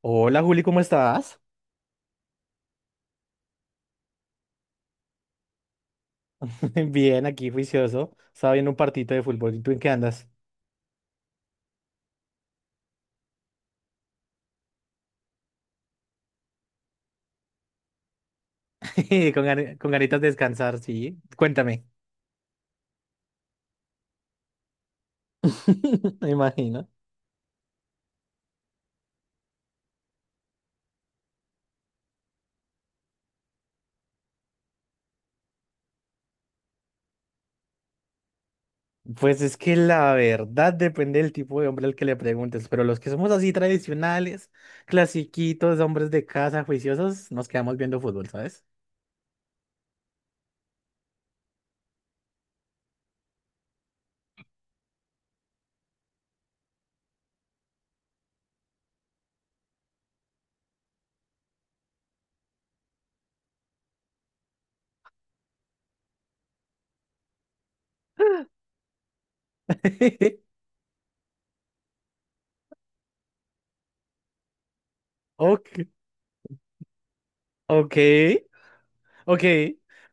Hola Juli, ¿cómo estás? Bien, aquí juicioso. Estaba viendo un partito de fútbol. ¿Y tú en qué andas? Con ganitas de descansar, sí. Cuéntame. Me imagino. Pues es que la verdad depende del tipo de hombre al que le preguntes, pero los que somos así tradicionales, clasiquitos, hombres de casa, juiciosos, nos quedamos viendo fútbol, ¿sabes? Ok, ok, ok.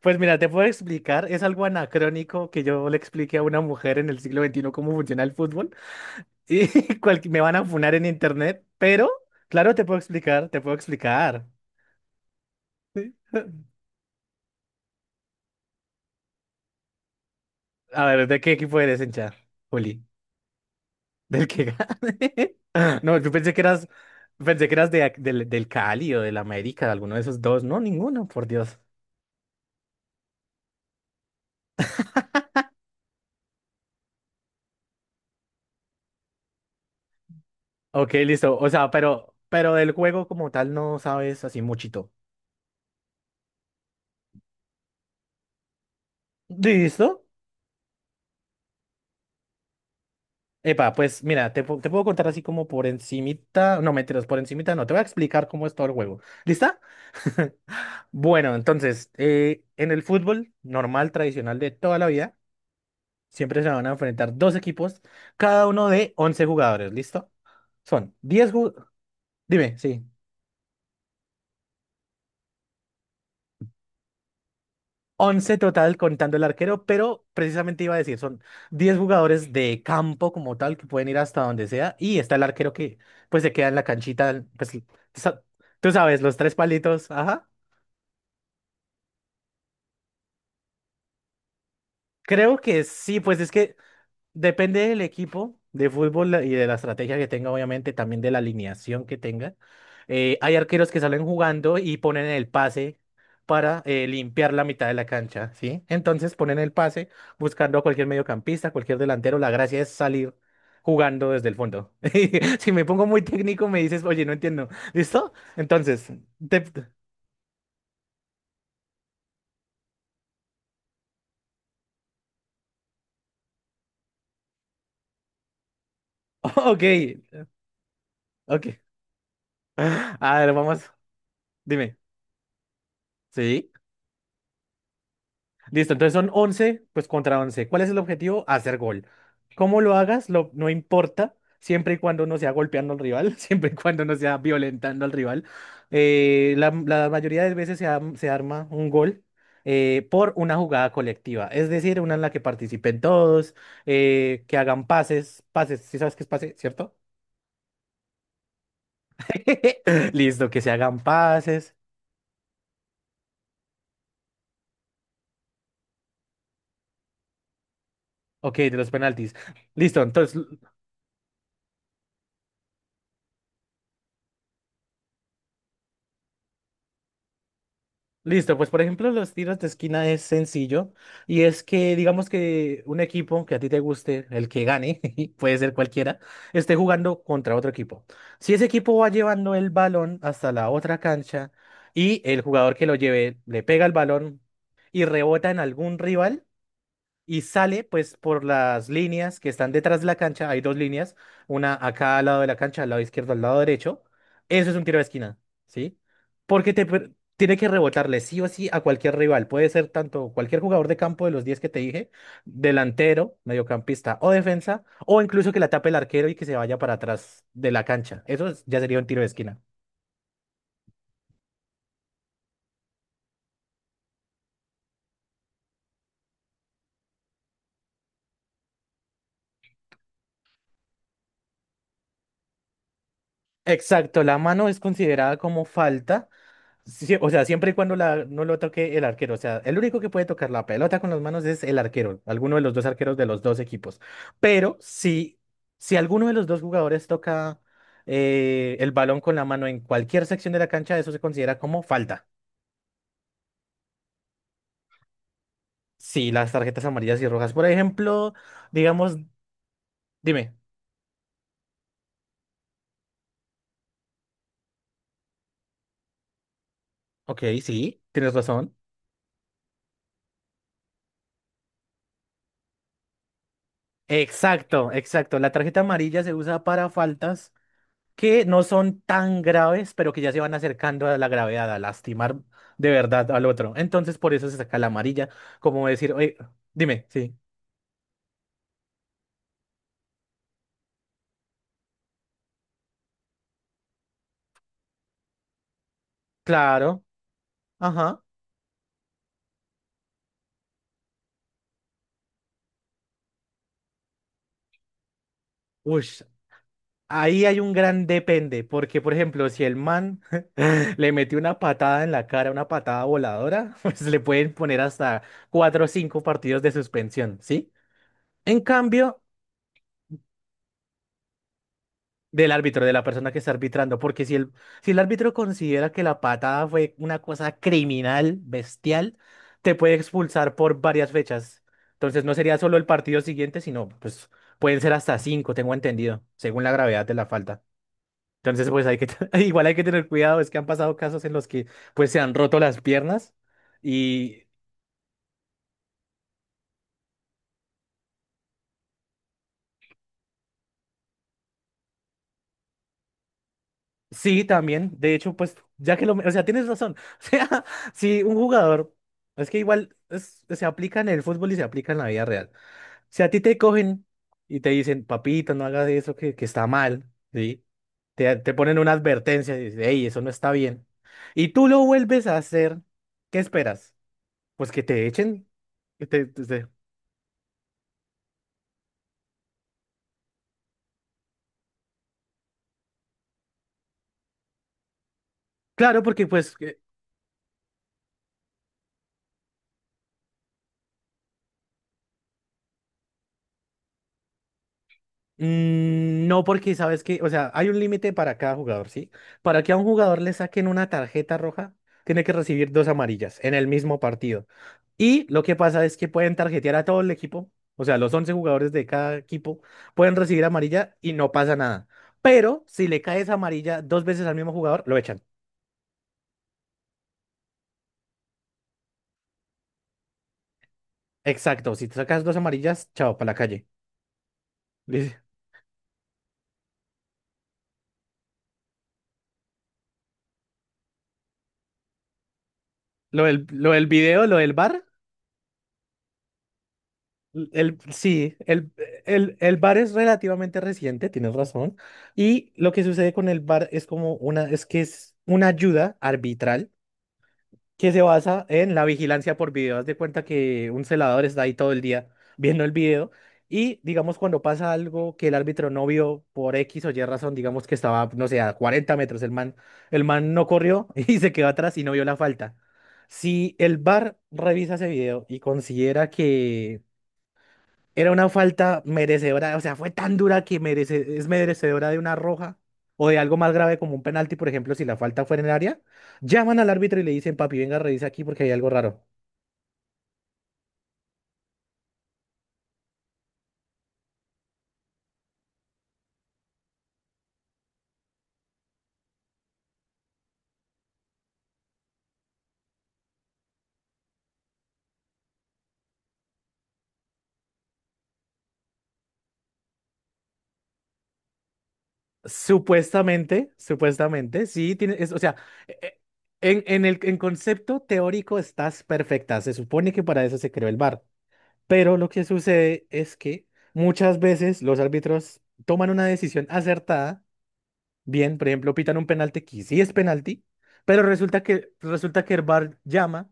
Pues mira, te puedo explicar, es algo anacrónico que yo le explique a una mujer en el siglo XXI cómo funciona el fútbol. Y cual- me van a funar en internet, pero claro, te puedo explicar, te puedo explicar. Sí. A ver, ¿de qué equipo eres, hincha? Juli, del que gane. No, yo pensé que eras del Cali o del América, de alguno de esos dos. No, ninguno, por Dios. Ok, listo. O sea, pero del juego como tal no sabes así muchito. ¿Listo? Epa, pues mira, te puedo contar así como por encimita. No, mentiras, por encimita no. Te voy a explicar cómo es todo el juego. ¿Lista? Bueno, entonces, en el fútbol normal, tradicional de toda la vida, siempre se van a enfrentar dos equipos, cada uno de 11 jugadores, ¿listo? Son 10. Jugadores, dime, sí, once total contando el arquero, pero precisamente iba a decir, son 10 jugadores de campo como tal que pueden ir hasta donde sea y está el arquero que pues se queda en la canchita, pues sa- tú sabes, los tres palitos, ajá. Creo que sí, pues es que depende del equipo de fútbol y de la estrategia que tenga, obviamente, también de la alineación que tenga. Hay arqueros que salen jugando y ponen el pase para limpiar la mitad de la cancha, ¿sí? Entonces ponen el pase buscando a cualquier mediocampista, cualquier delantero. La gracia es salir jugando desde el fondo. Si me pongo muy técnico, me dices, oye, no entiendo. ¿Listo? Entonces, te- ok, ok. A ver, vamos, dime. ¿Sí? Listo, entonces son 11 pues contra once. ¿Cuál es el objetivo? Hacer gol. ¿Cómo lo hagas? No importa, siempre y cuando no sea golpeando al rival, siempre y cuando no sea violentando al rival. La mayoría de veces se arma un gol por una jugada colectiva, es decir, una en la que participen todos, que hagan pases, pases, si sabes qué es pase, ¿cierto? Listo, que se hagan pases. Ok, de los penaltis. Listo, entonces listo, pues por ejemplo los tiros de esquina es sencillo y es que digamos que un equipo que a ti te guste, el que gane, puede ser cualquiera, esté jugando contra otro equipo. Si ese equipo va llevando el balón hasta la otra cancha y el jugador que lo lleve le pega el balón y rebota en algún rival, y sale pues por las líneas que están detrás de la cancha. Hay dos líneas, una a cada lado de la cancha, al lado izquierdo, al lado derecho. Eso es un tiro de esquina, ¿sí? Porque tiene que rebotarle sí o sí a cualquier rival. Puede ser tanto cualquier jugador de campo de los 10 que te dije, delantero, mediocampista o defensa, o incluso que la tape el arquero y que se vaya para atrás de la cancha. Ya sería un tiro de esquina. Exacto, la mano es considerada como falta. Sí, o sea, siempre y cuando no lo toque el arquero. O sea, el único que puede tocar la pelota con las manos es el arquero, alguno de los dos arqueros de los dos equipos. Pero si alguno de los dos jugadores toca el balón con la mano en cualquier sección de la cancha, eso se considera como falta. Sí, las tarjetas amarillas y rojas. Por ejemplo, digamos, dime, ok, sí, tienes razón. Exacto, exacto. La tarjeta amarilla se usa para faltas que no son tan graves, pero que ya se van acercando a la gravedad, a lastimar de verdad al otro. Entonces, por eso se saca la amarilla, como decir, oye, dime, sí, claro, ajá, ush. Ahí hay un gran depende, porque por ejemplo, si el man le metió una patada en la cara, una patada voladora, pues le pueden poner hasta cuatro o cinco partidos de suspensión, ¿sí? En cambio, del árbitro, de la persona que está arbitrando, porque si el árbitro considera que la patada fue una cosa criminal, bestial, te puede expulsar por varias fechas. Entonces no sería solo el partido siguiente, sino pues pueden ser hasta cinco, tengo entendido, según la gravedad de la falta. Entonces pues hay que, igual hay que tener cuidado, es que han pasado casos en los que pues se han roto las piernas y sí, también. De hecho, pues, ya que lo... O sea, tienes razón. O sea, si un jugador... Es que igual se aplica en el fútbol y se aplica en la vida real. Si a ti te cogen y te dicen, papito, no hagas eso que está mal, ¿sí? Te ponen una advertencia y dices, hey, eso no está bien. Y tú lo vuelves a hacer, ¿qué esperas? Pues que te echen. Que te- te- te- Claro, porque pues, mm, no, porque sabes que, o sea, hay un límite para cada jugador, ¿sí? Para que a un jugador le saquen una tarjeta roja, tiene que recibir dos amarillas en el mismo partido. Y lo que pasa es que pueden tarjetear a todo el equipo, o sea, los 11 jugadores de cada equipo pueden recibir amarilla y no pasa nada. Pero si le caes amarilla dos veces al mismo jugador, lo echan. Exacto, si te sacas dos amarillas, chao, para la calle. Dice, lo del, lo del video, lo del bar. El, sí, El bar es relativamente reciente, tienes razón. Y lo que sucede con el bar es como una, es que es una ayuda arbitral que se basa en la vigilancia por video. Haz de cuenta que un celador está ahí todo el día viendo el video y digamos cuando pasa algo que el árbitro no vio por X o Y razón, digamos que estaba, no sé, a 40 metros, el man no corrió y se quedó atrás y no vio la falta. Si el bar revisa ese video y considera que era una falta merecedora, o sea, fue tan dura que merece, es merecedora de una roja o de algo más grave como un penalti, por ejemplo, si la falta fuera en el área, llaman al árbitro y le dicen, papi, venga, revisa aquí porque hay algo raro. Supuestamente, supuestamente, sí, tiene, es, o sea, e- e- en el en concepto teórico estás perfecta, se supone que para eso se creó el VAR, pero lo que sucede es que muchas veces los árbitros toman una decisión acertada. Bien, por ejemplo, pitan un penalti que sí es penalti, pero resulta que el VAR llama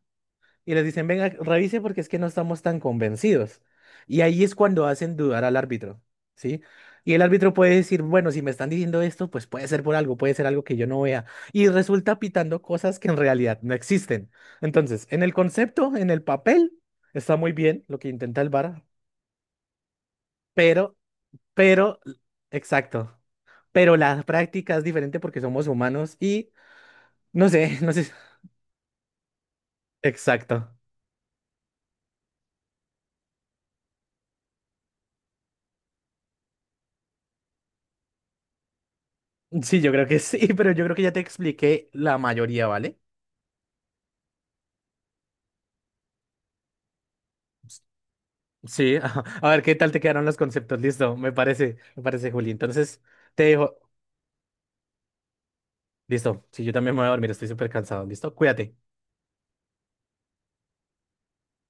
y les dicen, venga, revise porque es que no estamos tan convencidos. Y ahí es cuando hacen dudar al árbitro, ¿sí? Y el árbitro puede decir, bueno, si me están diciendo esto, pues puede ser por algo, puede ser algo que yo no vea. Y resulta pitando cosas que en realidad no existen. Entonces, en el concepto, en el papel, está muy bien lo que intenta el VAR, pero, pero, exacto. Pero la práctica es diferente porque somos humanos y no sé, no sé. Exacto. Sí, yo creo que sí, pero yo creo que ya te expliqué la mayoría, ¿vale? Sí, ajá. A ver qué tal te quedaron los conceptos. Listo, me parece, Juli. Entonces, te dejo. Listo. Sí, yo también me voy a dormir, estoy súper cansado. Listo, cuídate.